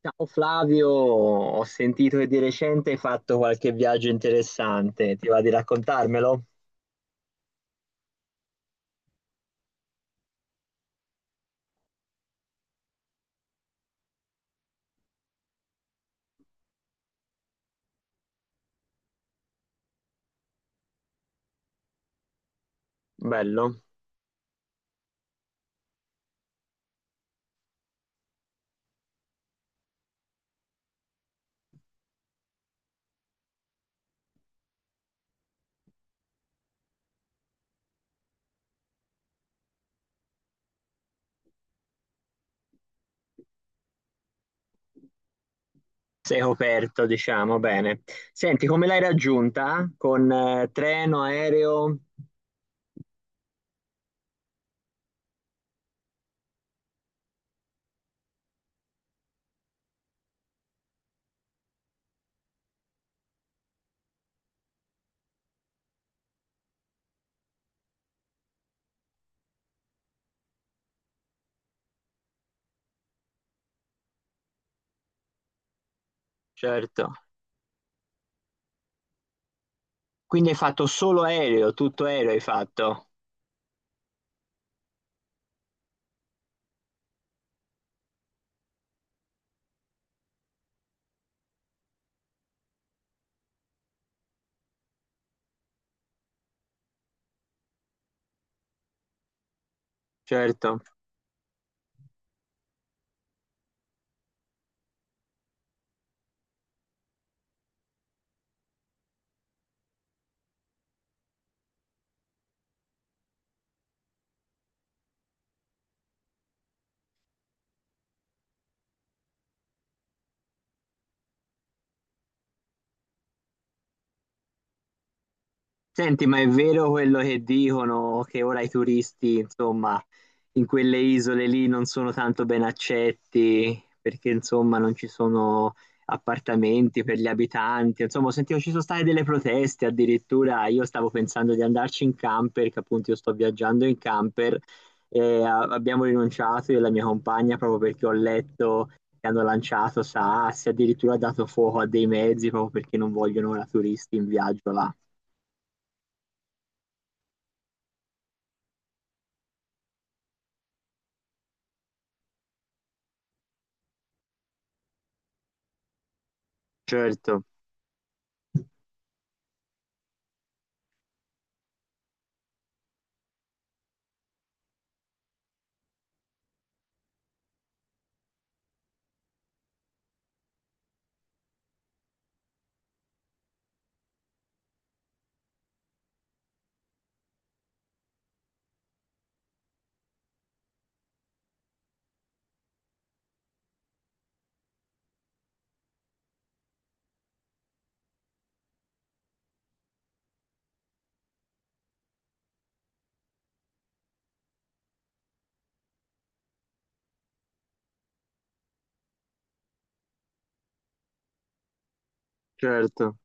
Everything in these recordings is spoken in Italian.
Ciao Flavio, ho sentito che di recente hai fatto qualche viaggio interessante, ti va di raccontarmelo? Bello, sei coperto, diciamo, bene. Senti, come l'hai raggiunta? Con treno, aereo? Certo. Quindi hai fatto solo aereo, tutto aereo hai fatto? Certo. Senti, ma è vero quello che dicono che ora i turisti, insomma, in quelle isole lì non sono tanto ben accetti perché, insomma, non ci sono appartamenti per gli abitanti. Insomma, ho sentito ci sono state delle proteste addirittura. Io stavo pensando di andarci in camper, che appunto io sto viaggiando in camper e abbiamo rinunciato io e la mia compagna proprio perché ho letto che hanno lanciato sassi, addirittura dato fuoco a dei mezzi proprio perché non vogliono ora turisti in viaggio là. Certo. Certo,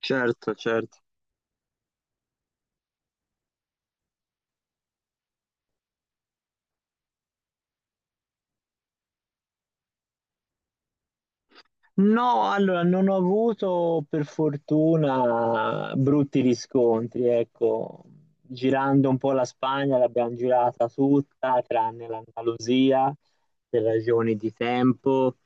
certo, certo. No, allora non ho avuto per fortuna brutti riscontri, ecco, girando un po' la Spagna l'abbiamo girata tutta, tranne l'Andalusia, per ragioni di tempo.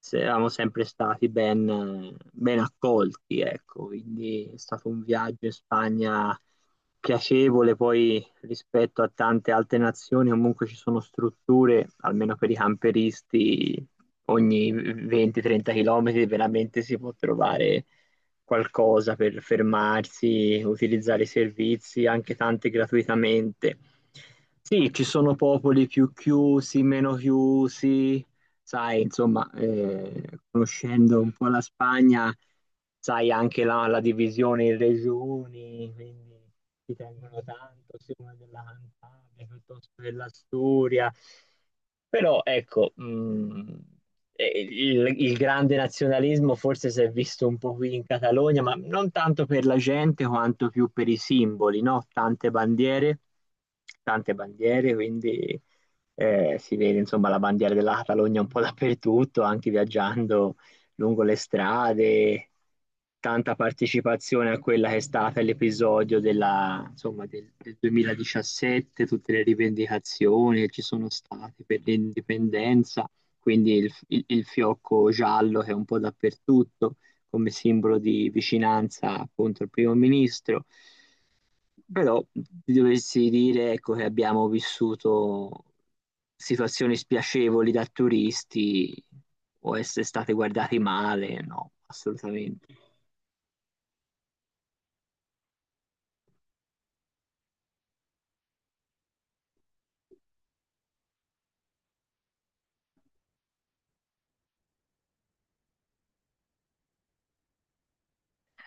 Eravamo sempre stati ben, ben accolti, ecco, quindi è stato un viaggio in Spagna piacevole, poi rispetto a tante altre nazioni comunque ci sono strutture, almeno per i camperisti, ogni 20-30 km veramente si può trovare qualcosa per fermarsi, utilizzare i servizi, anche tanti gratuitamente. Sì, ci sono popoli più chiusi, meno chiusi, sai, insomma, conoscendo un po' la Spagna, sai anche la divisione in regioni, quindi ti tengono tanto sia una della Cantabria piuttosto che dell'Asturia. Però ecco, il grande nazionalismo forse si è visto un po' qui in Catalogna, ma non tanto per la gente quanto più per i simboli, no? Tante bandiere, quindi si vede insomma la bandiera della Catalogna un po' dappertutto, anche viaggiando lungo le strade, tanta partecipazione a quella che è stata l'episodio della, insomma, del 2017, tutte le rivendicazioni che ci sono state per l'indipendenza, quindi il fiocco giallo che è un po' dappertutto come simbolo di vicinanza appunto al primo ministro. Però ti dovessi dire, ecco, che abbiamo vissuto situazioni spiacevoli da turisti o essere stati guardati male, no, assolutamente.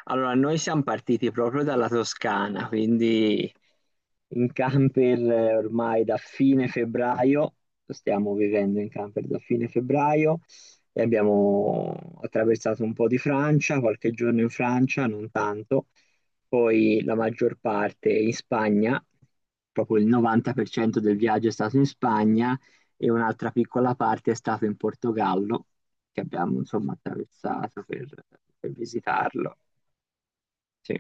Allora, noi siamo partiti proprio dalla Toscana, quindi in camper ormai da fine febbraio, stiamo vivendo in camper da fine febbraio e abbiamo attraversato un po' di Francia, qualche giorno in Francia, non tanto, poi la maggior parte in Spagna, proprio il 90% del viaggio è stato in Spagna e un'altra piccola parte è stata in Portogallo, che abbiamo insomma attraversato per visitarlo. Sì.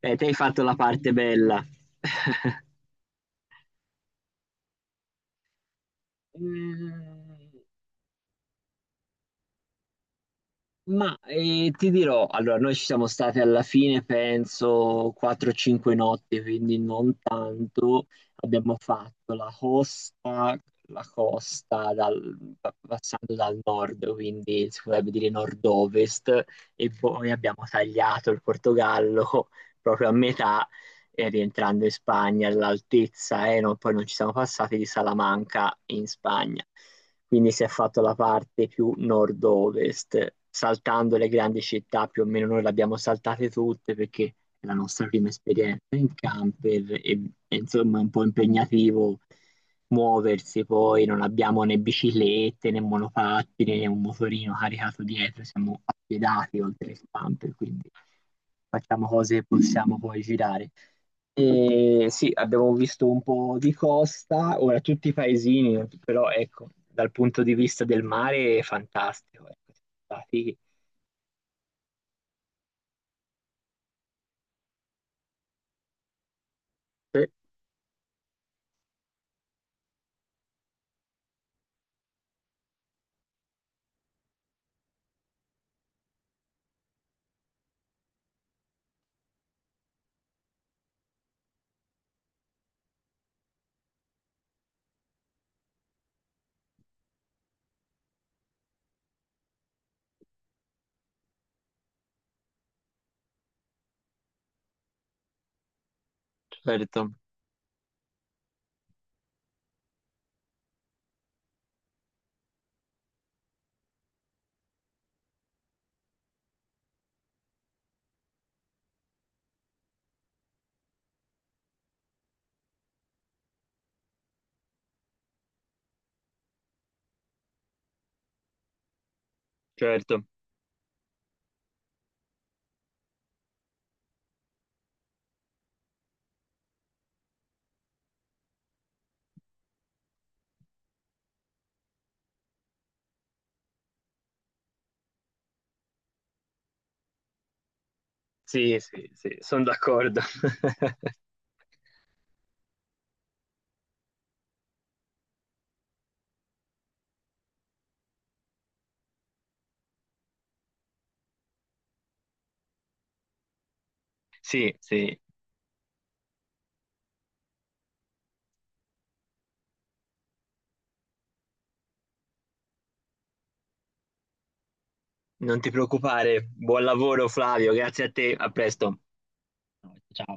Te hai fatto la parte bella. Mm. Ma ti dirò, allora noi ci siamo stati alla fine, penso, 4-5 notti, quindi non tanto. Abbiamo fatto la costa passando dal nord, quindi si potrebbe dire nord-ovest, e poi abbiamo tagliato il Portogallo proprio a metà, e rientrando in Spagna all'altezza, poi non ci siamo passati di Salamanca in Spagna, quindi si è fatto la parte più nord-ovest, saltando le grandi città, più o meno noi le abbiamo saltate tutte perché è la nostra prima esperienza in camper e insomma è un po' impegnativo muoversi, poi non abbiamo né biciclette né monopattini né un motorino caricato dietro, siamo appiedati oltre il camper, quindi facciamo cose che possiamo poi girare. E sì, abbiamo visto un po' di costa, ora tutti i paesini, però ecco, dal punto di vista del mare è fantastico. Ecco, sì, certo, certo. Sì, sì, sì, sono d'accordo. Sì, sì, non ti preoccupare. Buon lavoro, Flavio, grazie a te, a presto. Ciao.